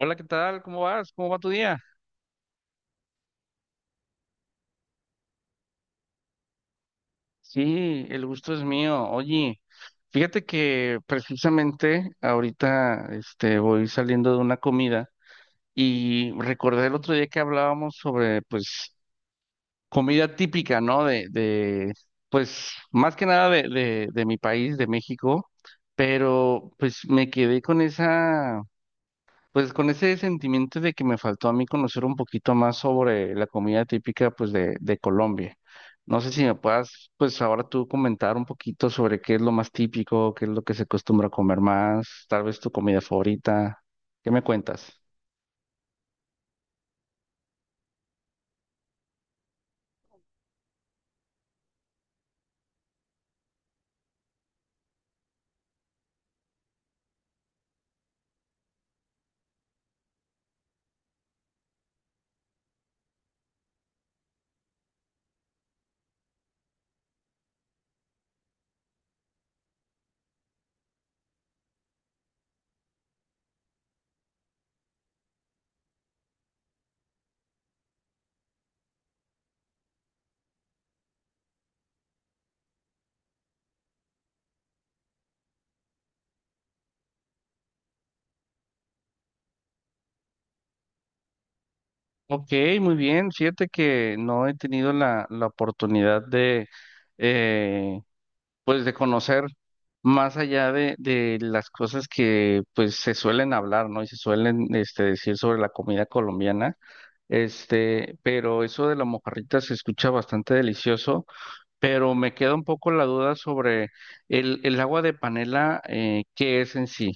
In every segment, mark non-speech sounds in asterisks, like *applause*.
Hola, ¿qué tal? ¿Cómo vas? ¿Cómo va tu día? Sí, el gusto es mío. Oye, fíjate que precisamente ahorita voy saliendo de una comida y recordé el otro día que hablábamos sobre comida típica, ¿no? De pues más que nada de mi país, de México, pero pues me quedé con esa Pues con ese sentimiento de que me faltó a mí conocer un poquito más sobre la comida típica pues de Colombia. No sé si me puedas pues ahora tú comentar un poquito sobre qué es lo más típico, qué es lo que se acostumbra a comer más, tal vez tu comida favorita. ¿Qué me cuentas? Ok, muy bien. Fíjate que no he tenido la oportunidad de, eh, pues, de conocer más allá de las cosas que, pues, se suelen hablar, ¿no? Y se suelen, decir sobre la comida colombiana. Pero eso de la mojarrita se escucha bastante delicioso, pero me queda un poco la duda sobre el agua de panela, ¿qué es en sí?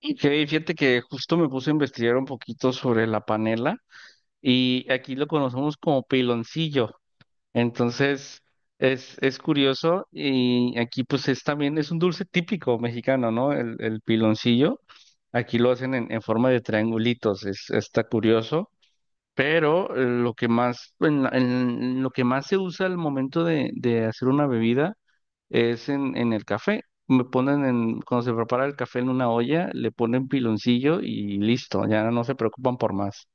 Y que fíjate que justo me puse a investigar un poquito sobre la panela y aquí lo conocemos como piloncillo. Entonces, es curioso y aquí pues es también, es un dulce típico mexicano, ¿no? El piloncillo. Aquí lo hacen en forma de triangulitos, es, está curioso. Pero lo que más, en lo que más se usa al momento de hacer una bebida es en el café. Me ponen en, cuando se prepara el café en una olla, le ponen piloncillo y listo, ya no se preocupan por más.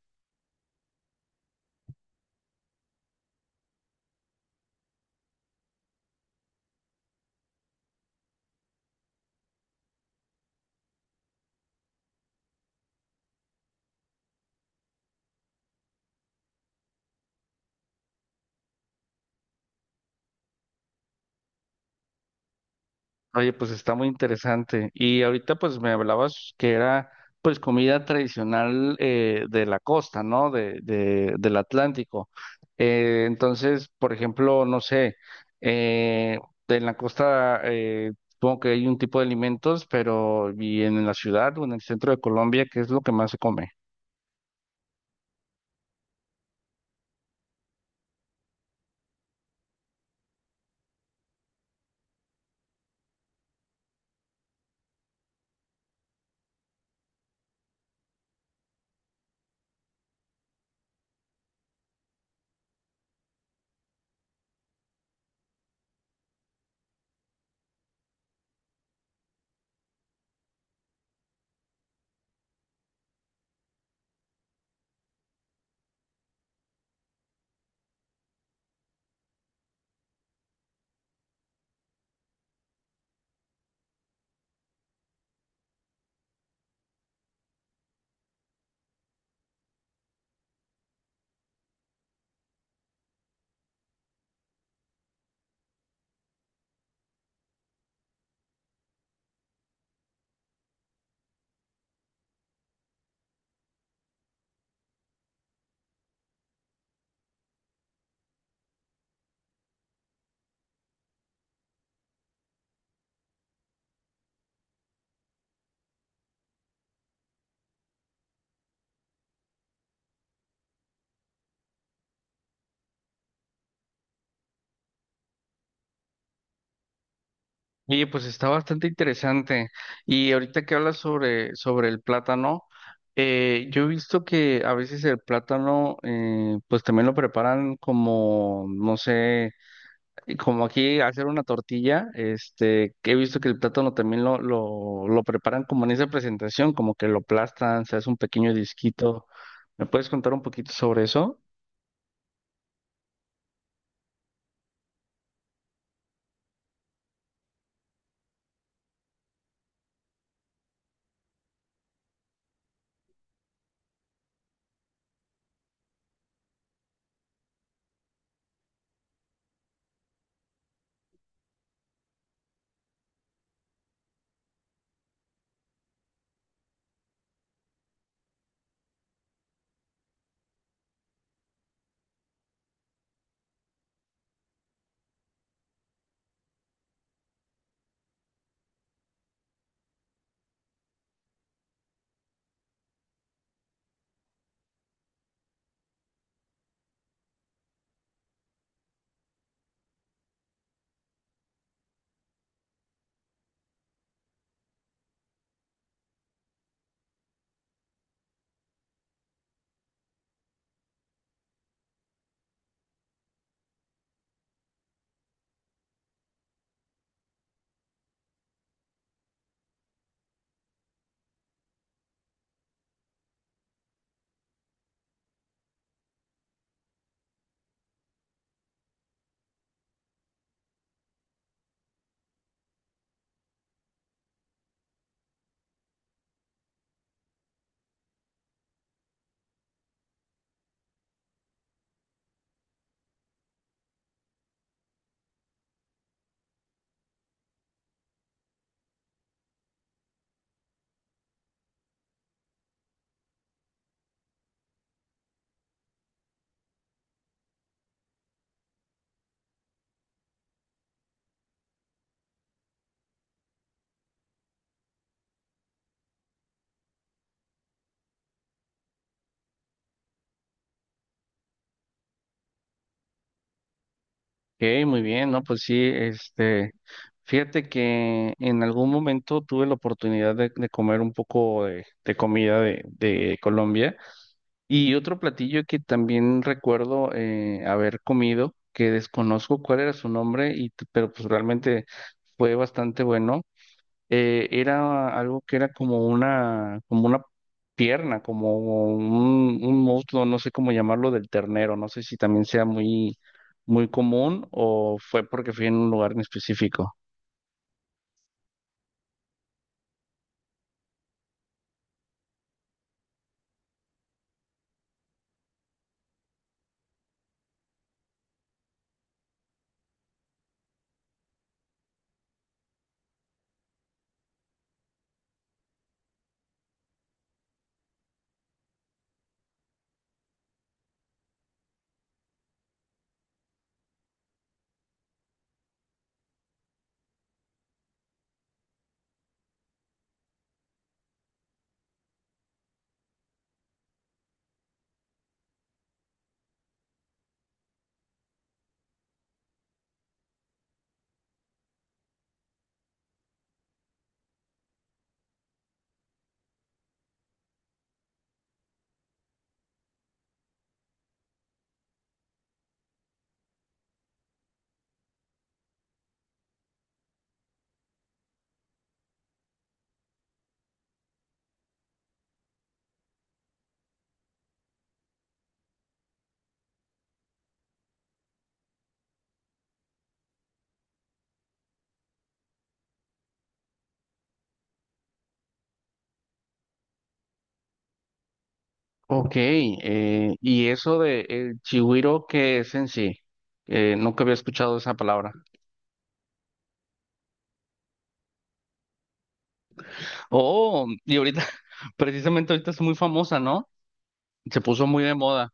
Oye, pues está muy interesante. Y ahorita pues me hablabas que era pues comida tradicional de la costa, ¿no? Del Atlántico. Entonces, por ejemplo, no sé, eh, en la costa supongo que hay un tipo de alimentos, pero y en la ciudad o en el centro de Colombia, ¿qué es lo que más se come? Oye, pues está bastante interesante. Y ahorita que hablas sobre el plátano, yo he visto que a veces el plátano, pues también lo preparan como, no sé, como aquí hacer una tortilla, que he visto que el plátano también lo preparan como en esa presentación, como que lo aplastan, se hace un pequeño disquito. ¿Me puedes contar un poquito sobre eso? Ok, muy bien, ¿no? Pues sí, fíjate que en algún momento tuve la oportunidad de comer un poco de comida de Colombia y otro platillo que también recuerdo haber comido, que desconozco cuál era su nombre, pero pues realmente fue bastante bueno, era algo que era como una pierna, como un muslo, no sé cómo llamarlo, del ternero, no sé si también sea muy, muy común o fue porque fui en un lugar en específico. Ok, y eso de el chigüiro, ¿qué es en sí? Nunca había escuchado esa palabra. Oh, y ahorita, *laughs* precisamente ahorita es muy famosa, ¿no? Se puso muy de moda.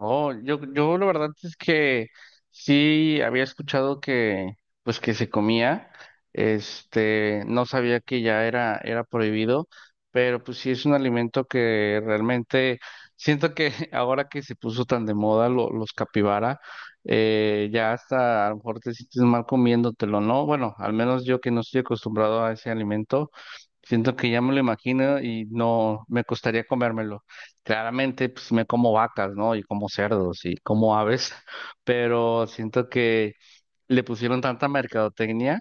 Oh, yo la verdad es que sí había escuchado pues que se comía, no sabía que ya era prohibido, pero pues sí es un alimento que realmente siento que *laughs* ahora que se puso tan de moda los capibara, ya hasta a lo mejor te sientes mal comiéndotelo, ¿no? Bueno, al menos yo que no estoy acostumbrado a ese alimento, siento que ya me lo imagino y no me costaría comérmelo. Claramente, pues me como vacas, ¿no? Y como cerdos y como aves, *laughs* pero siento que le pusieron tanta mercadotecnia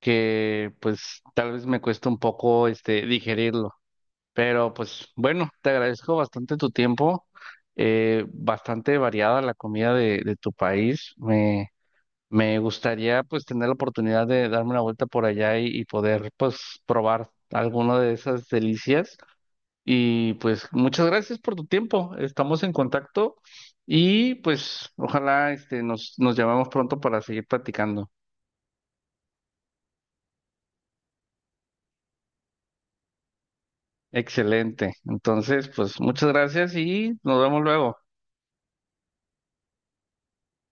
que pues tal vez me cuesta un poco digerirlo. Pero pues bueno, te agradezco bastante tu tiempo, bastante variada la comida de tu país. Me gustaría pues tener la oportunidad de darme una vuelta por allá y poder pues probar alguna de esas delicias. Y pues muchas gracias por tu tiempo. Estamos en contacto y pues ojalá nos llamemos pronto para seguir platicando. Excelente. Entonces, pues muchas gracias y nos vemos luego.